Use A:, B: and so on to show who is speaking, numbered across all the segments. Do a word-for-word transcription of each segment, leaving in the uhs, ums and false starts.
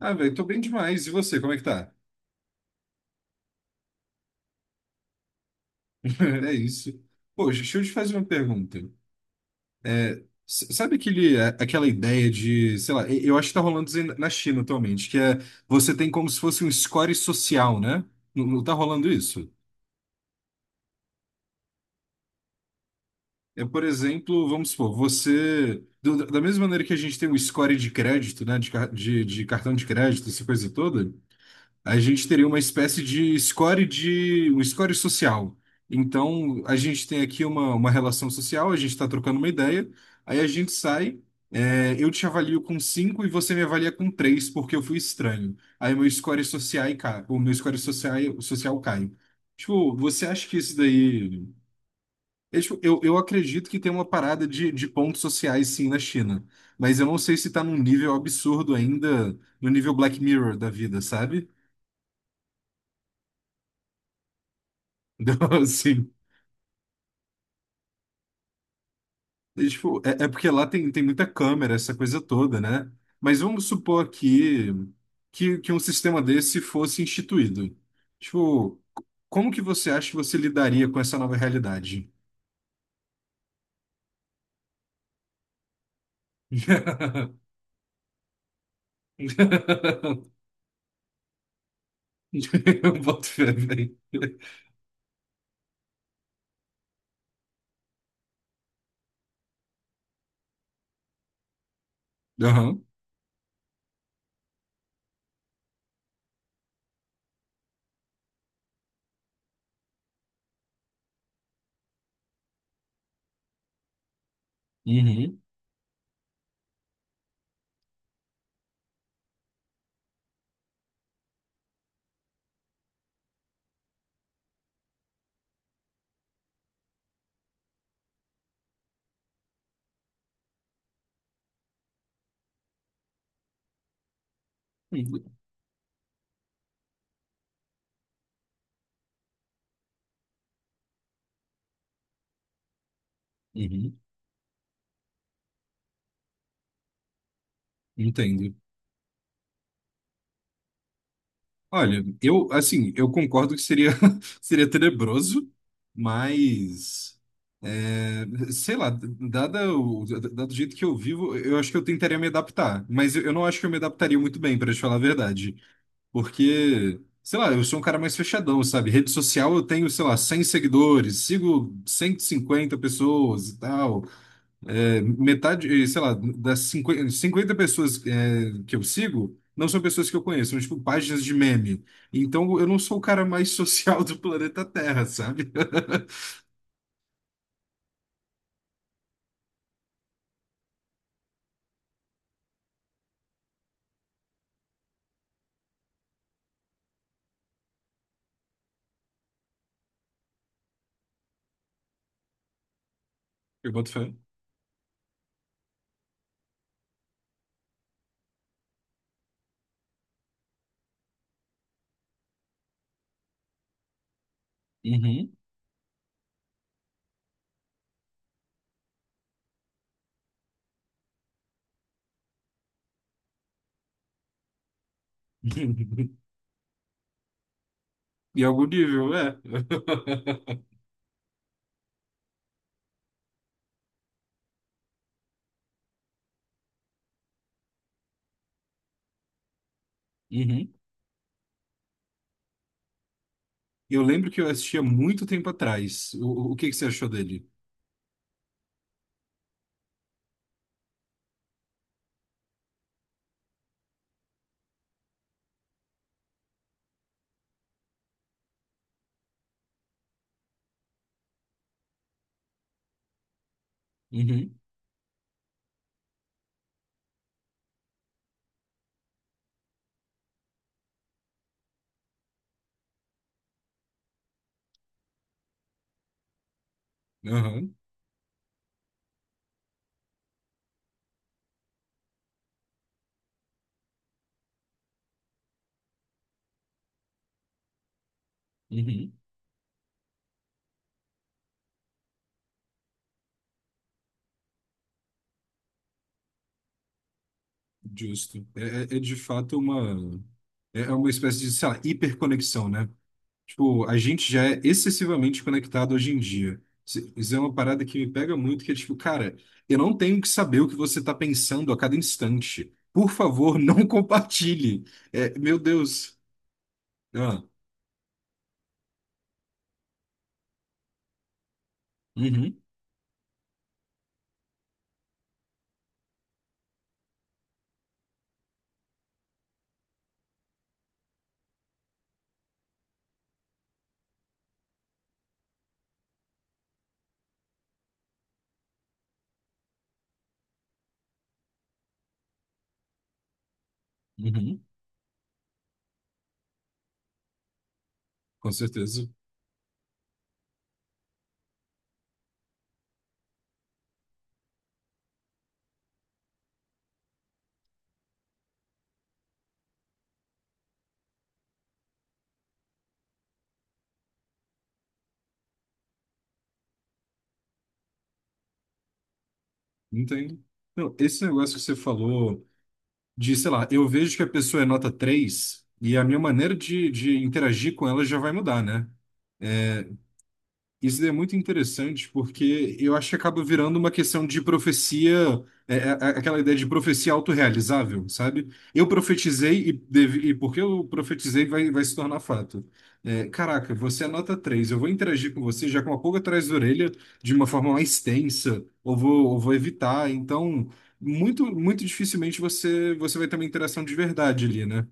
A: Ah, velho, tô bem demais. E você, como é que tá? É isso. Poxa, deixa eu te fazer uma pergunta. É, s- sabe aquele, a- aquela ideia de, sei lá, e- eu acho que tá rolando isso aí na China atualmente, que é você tem como se fosse um score social, né? Não, não tá rolando isso? É, por exemplo, vamos supor, você, do- da mesma maneira que a gente tem um score de crédito, né? De, car- de, de cartão de crédito, essa coisa toda, a gente teria uma espécie de score de um score social. Então, a gente tem aqui uma, uma relação social, a gente está trocando uma ideia, aí a gente sai, é, eu te avalio com cinco e você me avalia com três porque eu fui estranho. Aí meu score social cai, o meu score social, social cai. Tipo, você acha que isso daí. É, tipo, Eu, eu acredito que tem uma parada de, de pontos sociais sim na China. Mas eu não sei se tá num nível absurdo ainda, no nível Black Mirror da vida, sabe? Então, assim. E, tipo, é, é porque lá tem, tem muita câmera, essa coisa toda, né? Mas vamos supor aqui que, que um sistema desse fosse instituído. Tipo, c- como que você acha que você lidaria com essa nova realidade? Eu boto fé, velho. Aham. Uhum. Uhum. Uhum. Entendo. Olha, eu, assim, eu concordo que seria, seria tenebroso, mas, é, sei lá, dada o, dado o jeito que eu vivo, eu acho que eu tentaria me adaptar. Mas eu, eu não acho que eu me adaptaria muito bem, pra te falar a verdade. Porque, sei lá, eu sou um cara mais fechadão, sabe? Rede social eu tenho, sei lá, cem seguidores, sigo cento e cinquenta pessoas e tal. É, metade, eh, sei lá, das cinquenta 50 pessoas, eh, que eu sigo, não são pessoas que eu conheço, são tipo páginas de meme. Então eu não sou o cara mais social do planeta Terra, sabe? Eu boto fé. Uhum. Em algum nível, é. Uhum. Eu lembro que eu assistia muito tempo atrás. O, o que que você achou dele? Uhum. Aham. Uhum. Justo. É, é é de fato uma. É é uma espécie de, sei lá, hiperconexão, né? Tipo, a gente já é excessivamente conectado hoje em dia. Isso isso é uma parada que me pega muito, que é tipo, cara, eu não tenho que saber o que você está pensando a cada instante. Por favor, não compartilhe. É, meu Deus. Ah, uhum, uhum, com certeza. Entendo. Não, esse negócio que você falou de, sei lá, eu vejo que a pessoa é nota três e a minha maneira de, de interagir com ela já vai mudar, né? Isso é muito interessante porque eu acho que acaba virando uma questão de profecia, é, é, é, aquela ideia de profecia autorrealizável, sabe? Eu profetizei e, deve, e porque eu profetizei vai, vai se tornar fato. É, caraca, você é nota três, eu vou interagir com você já com uma pulga atrás da orelha de uma forma mais tensa, ou vou, ou vou, evitar. Então, muito, muito dificilmente você, você vai ter uma interação de verdade ali, né?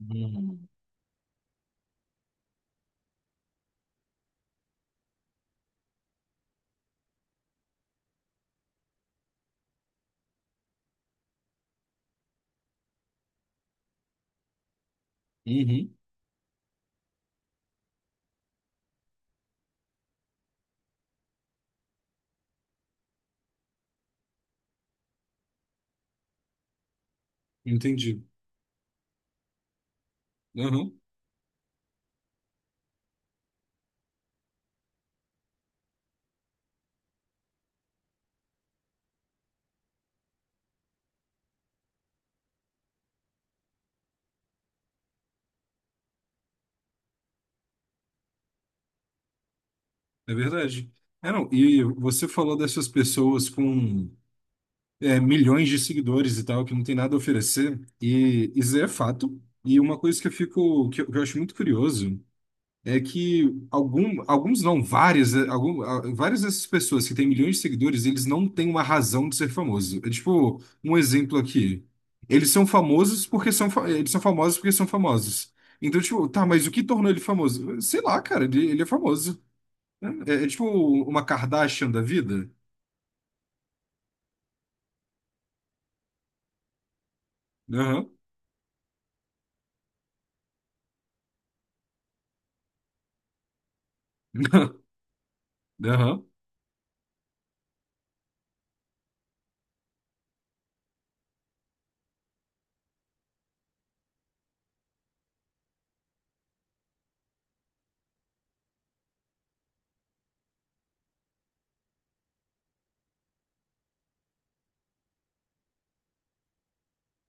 A: Uhum. Uhum. Entendi. É verdade. É, não, e você falou dessas pessoas com é, milhões de seguidores e tal, que não tem nada a oferecer, e isso é fato. E uma coisa que eu fico, que eu, que eu acho muito curioso, é que algum, alguns não, várias, é, algum, a- várias dessas pessoas que têm milhões de seguidores, eles não têm uma razão de ser famoso. É tipo, um exemplo aqui. Eles são famosos porque são, fa- eles são famosos porque são famosos. Então, tipo, tá, mas o que tornou ele famoso? Sei lá, cara, ele, ele é famoso. É, é tipo uma Kardashian da vida? Aham. Aham.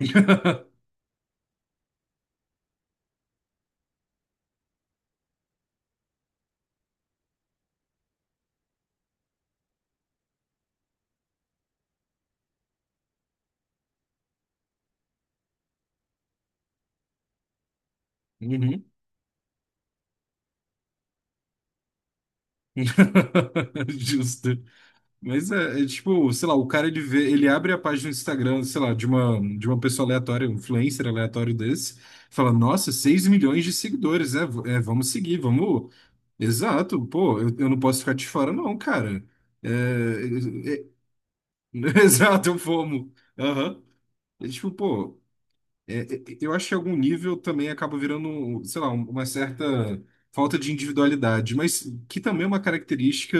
A: Uhum. Justo. Mas é, é tipo, sei lá, o cara ele vê, ele abre a página do Instagram, sei lá, de uma, de uma pessoa aleatória, um influencer aleatório desse, fala, nossa, seis milhões de seguidores, né? V- é, vamos seguir, vamos. Exato, pô, eu, eu não posso ficar de fora, não, cara. É, é- é- Exato, eu fomo. Aham. É tipo, pô. É, é, eu acho que em algum nível também acaba virando, sei lá, uma certa falta de individualidade, mas que também é uma característica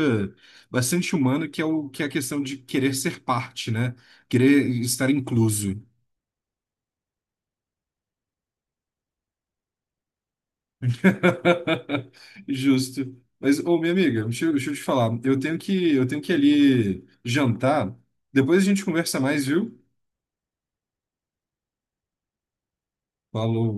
A: bastante humana, que é o que é a questão de querer ser parte, né? Querer estar incluso. Justo. Mas, ô, minha amiga, deixa, eu deixa eu te falar, eu tenho que, eu tenho que ir ali jantar. Depois a gente conversa mais, viu? Falou.